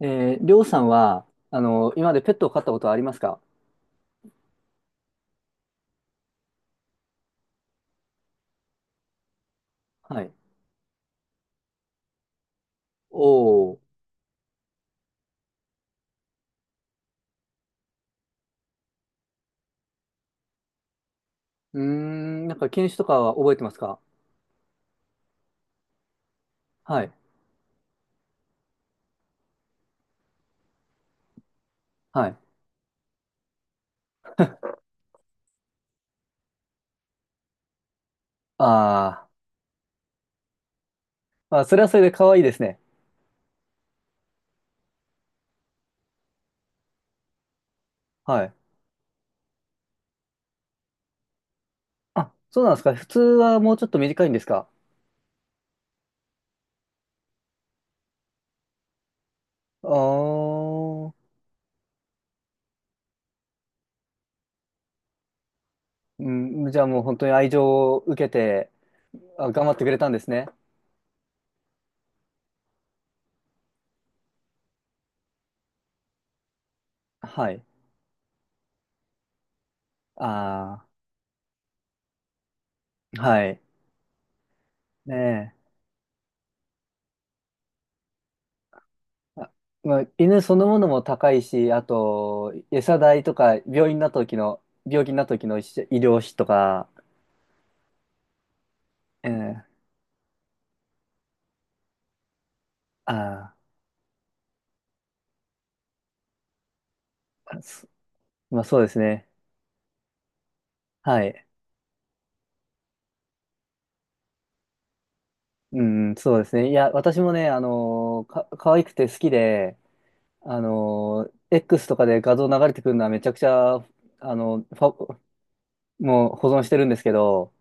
りょうさんは、今までペットを飼ったことはありますか？はい。おー。なんか犬種とかは覚えてますか？はい。はい。あー。まあ、それはそれで可愛いですね。はい。あ、そうなんですか？普通はもうちょっと短いんですか？あー。うん、じゃあもう本当に愛情を受けて、あ、頑張ってくれたんですね。はい。あー。はい。ねえ。あまあ、犬そのものも高いし、あと、餌代とか、病院になった時の、病気になった時の医療費とか、えー、あー、まあそうですね。はい。うん、そうですね。いや、私もね、可愛くて好きで、X とかで画像流れてくるのはめちゃくちゃ、の、ファもう保存してるんですけど、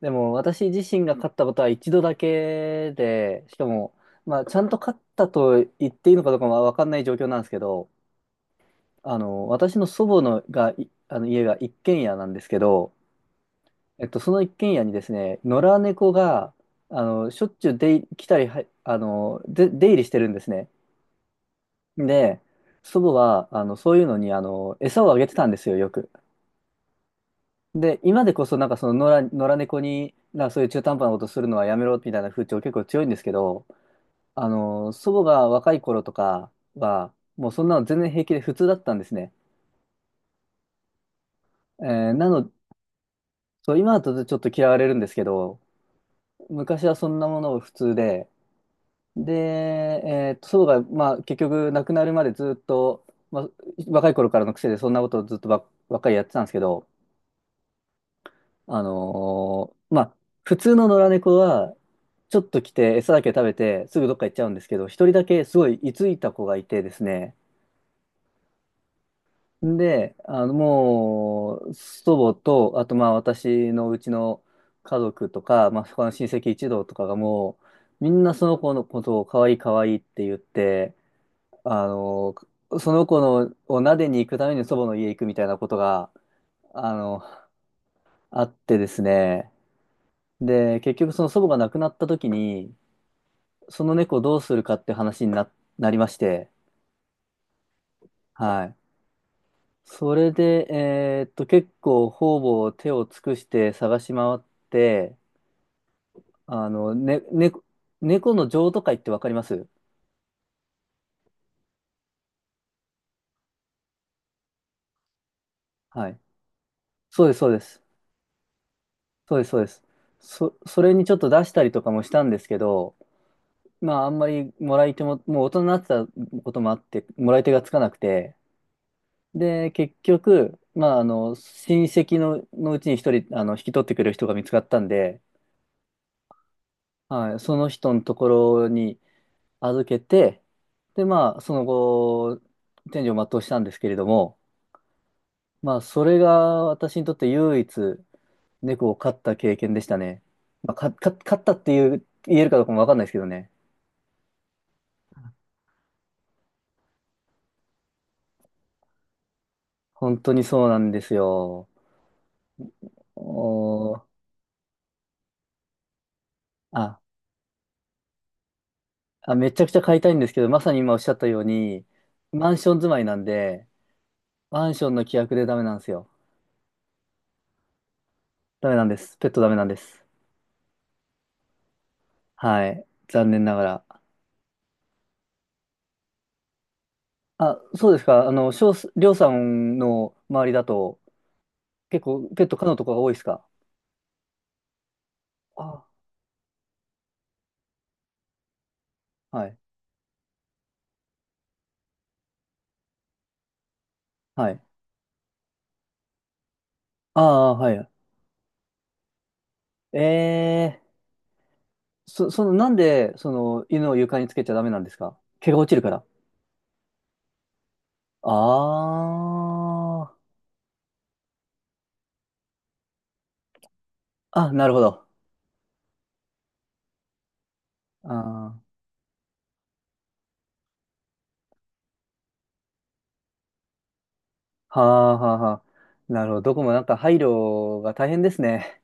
でも私自身が勝ったことは一度だけで、しかも、まあ、ちゃんと勝ったと言っていいのかどうかは分かんない状況なんですけど、私の祖母のが、あの家が一軒家なんですけど、その一軒家にですね、野良猫が、しょっちゅう出入り来たりは、で、出入りしてるんですね。で、祖母は、そういうのに、餌をあげてたんですよ、よく。で、今でこそ、なんかその野良猫に、なんかそういう中途半端なことするのはやめろ、みたいな風潮結構強いんですけど、祖母が若い頃とかは、もうそんなの全然平気で普通だったんですね。えーなの、そう、今だとちょっと嫌われるんですけど、昔はそんなものを普通で、祖母が、まあ、結局亡くなるまでずっと、まあ、若い頃からの癖でそんなことをずっとばっかりやってたんですけど、まあ、普通の野良猫は、ちょっと来て餌だけ食べてすぐどっか行っちゃうんですけど、一人だけすごい居ついた子がいてですね、で、もう、祖母と、あと、まあ、私のうちの家族とか、まあ、他の親戚一同とかがもう、みんなその子のことを可愛い可愛いって言って、あの、その子のを撫でに行くために祖母の家行くみたいなことが、あの、あってですね。で、結局その祖母が亡くなった時に、その猫どうするかって話になりまして、はい。それで、結構方々手を尽くして探し回って、ね、猫の譲渡会ってわかります？はい。そうです、そうです。そうです、そうです。それにちょっと出したりとかもしたんですけど、まあ、あんまりもらい手も、もう大人になってたこともあって、もらい手がつかなくて、で、結局、まあ、親戚の、うちに一人、引き取ってくれる人が見つかったんで、はい、その人のところに、預けて、で、まあ、その後、天寿を全うしたんですけれども、まあ、それが私にとって唯一猫を飼った経験でしたね。まあ、飼ったっていう、言えるかどうかもわかんないですけどね。本当にそうなんですよ。おー。あ、あ、めちゃくちゃ飼いたいんですけど、まさに今おっしゃったように、マンション住まいなんで、マンションの規約でダメなんですよ。ダメなんです。ペットダメなんです。はい。残念ながら。あ、そうですか。しょうす、りょうさんの周りだと、結構ペット可のとかが多いですか？あ、はい。はい。ああ、はい。ええ、その、なんで、その、犬を床につけちゃダメなんですか？毛が落ちるから。ああ。あ、なるほど。ああ。はあ、はあ、はあ。なるほど。どこもなんか配慮が大変ですね。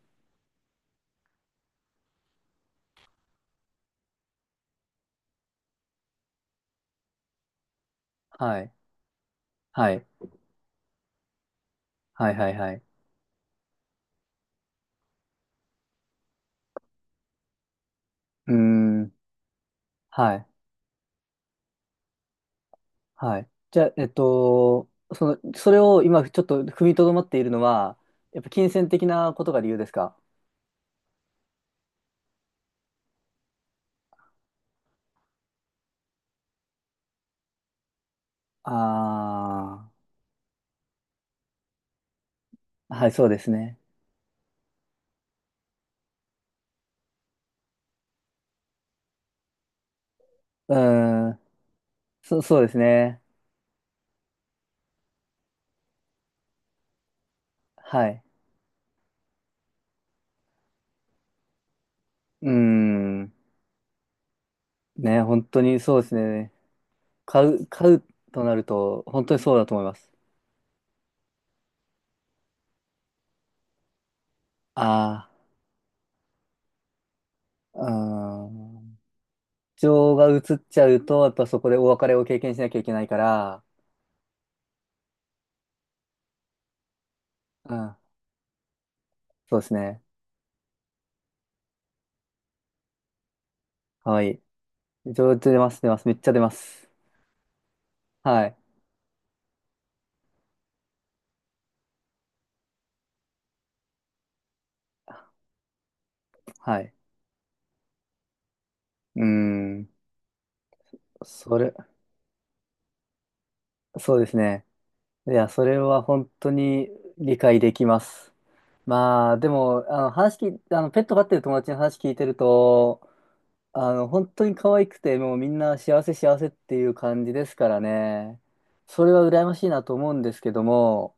はい。はい。はい、はい、はい。うーん。はい。はい。じゃあ、その、それを今ちょっと踏みとどまっているのは、やっぱ金銭的なことが理由ですか？ああー、はい、そうですね。うーん、そうですね。はい。うーん、ね、本当にそうですね。買うとなると、本当にそうだと思います。ああ、うーん。情が移っちゃうと、やっぱそこでお別れを経験しなきゃいけないから、うん、そうですね。はい。情出ます、出ます。めっちゃ出ます。はい。はい。うーん。それ、そうですね。いや、それは本当に理解できます。まあ、でも、話聞い、ペット飼ってる友達の話聞いてると、本当に可愛くて、もうみんな幸せ幸せっていう感じですからね。それは羨ましいなと思うんですけども、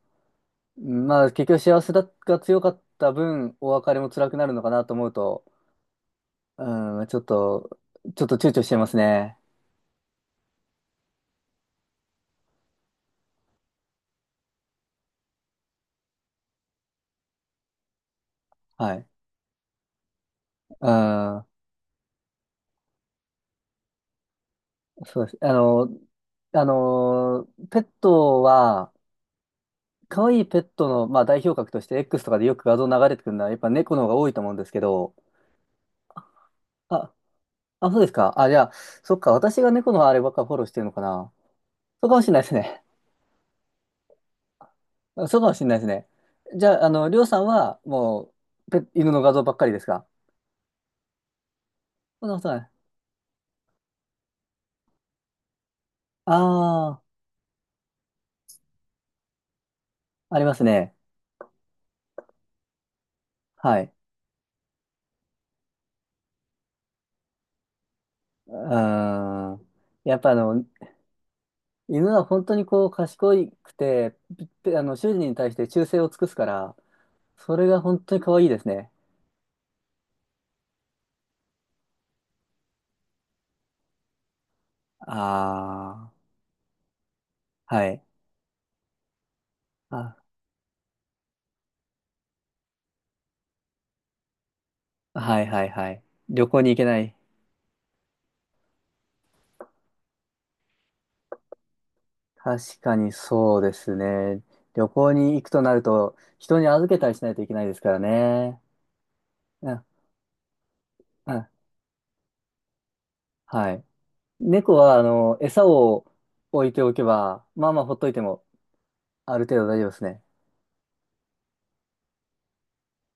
まあ、結局幸せだが強かった分、お別れも辛くなるのかなと思うと、うん、ちょっと躊躇してますね。はい。うん。そうです。あの、ペットは、可愛いペットの、まあ、代表格として X とかでよく画像流れてくるのは、やっぱ猫の方が多いと思うんですけど、あ、あ、そうですか。あ、じゃあ、そっか、私が猫のあればっかフォローしてるのかな。そうかもしれないですね。そうかもしれないですね。じゃあ、りょうさんは、もう、犬の画像ばっかりですか？そんなことない。ああ、ありますね。はい。うーん。やっぱ犬は本当にこう賢くて、ぴぴあの、主人に対して忠誠を尽くすから、それが本当に可愛いですね。ああ、はい。あ、はいはいはい。旅行に行けない。確かにそうですね。旅行に行くとなると、人に預けたりしないといけないですからね。うん、うん、はい。猫は、餌を置いておけば、まあまあほっといても、ある程度大丈夫ですね。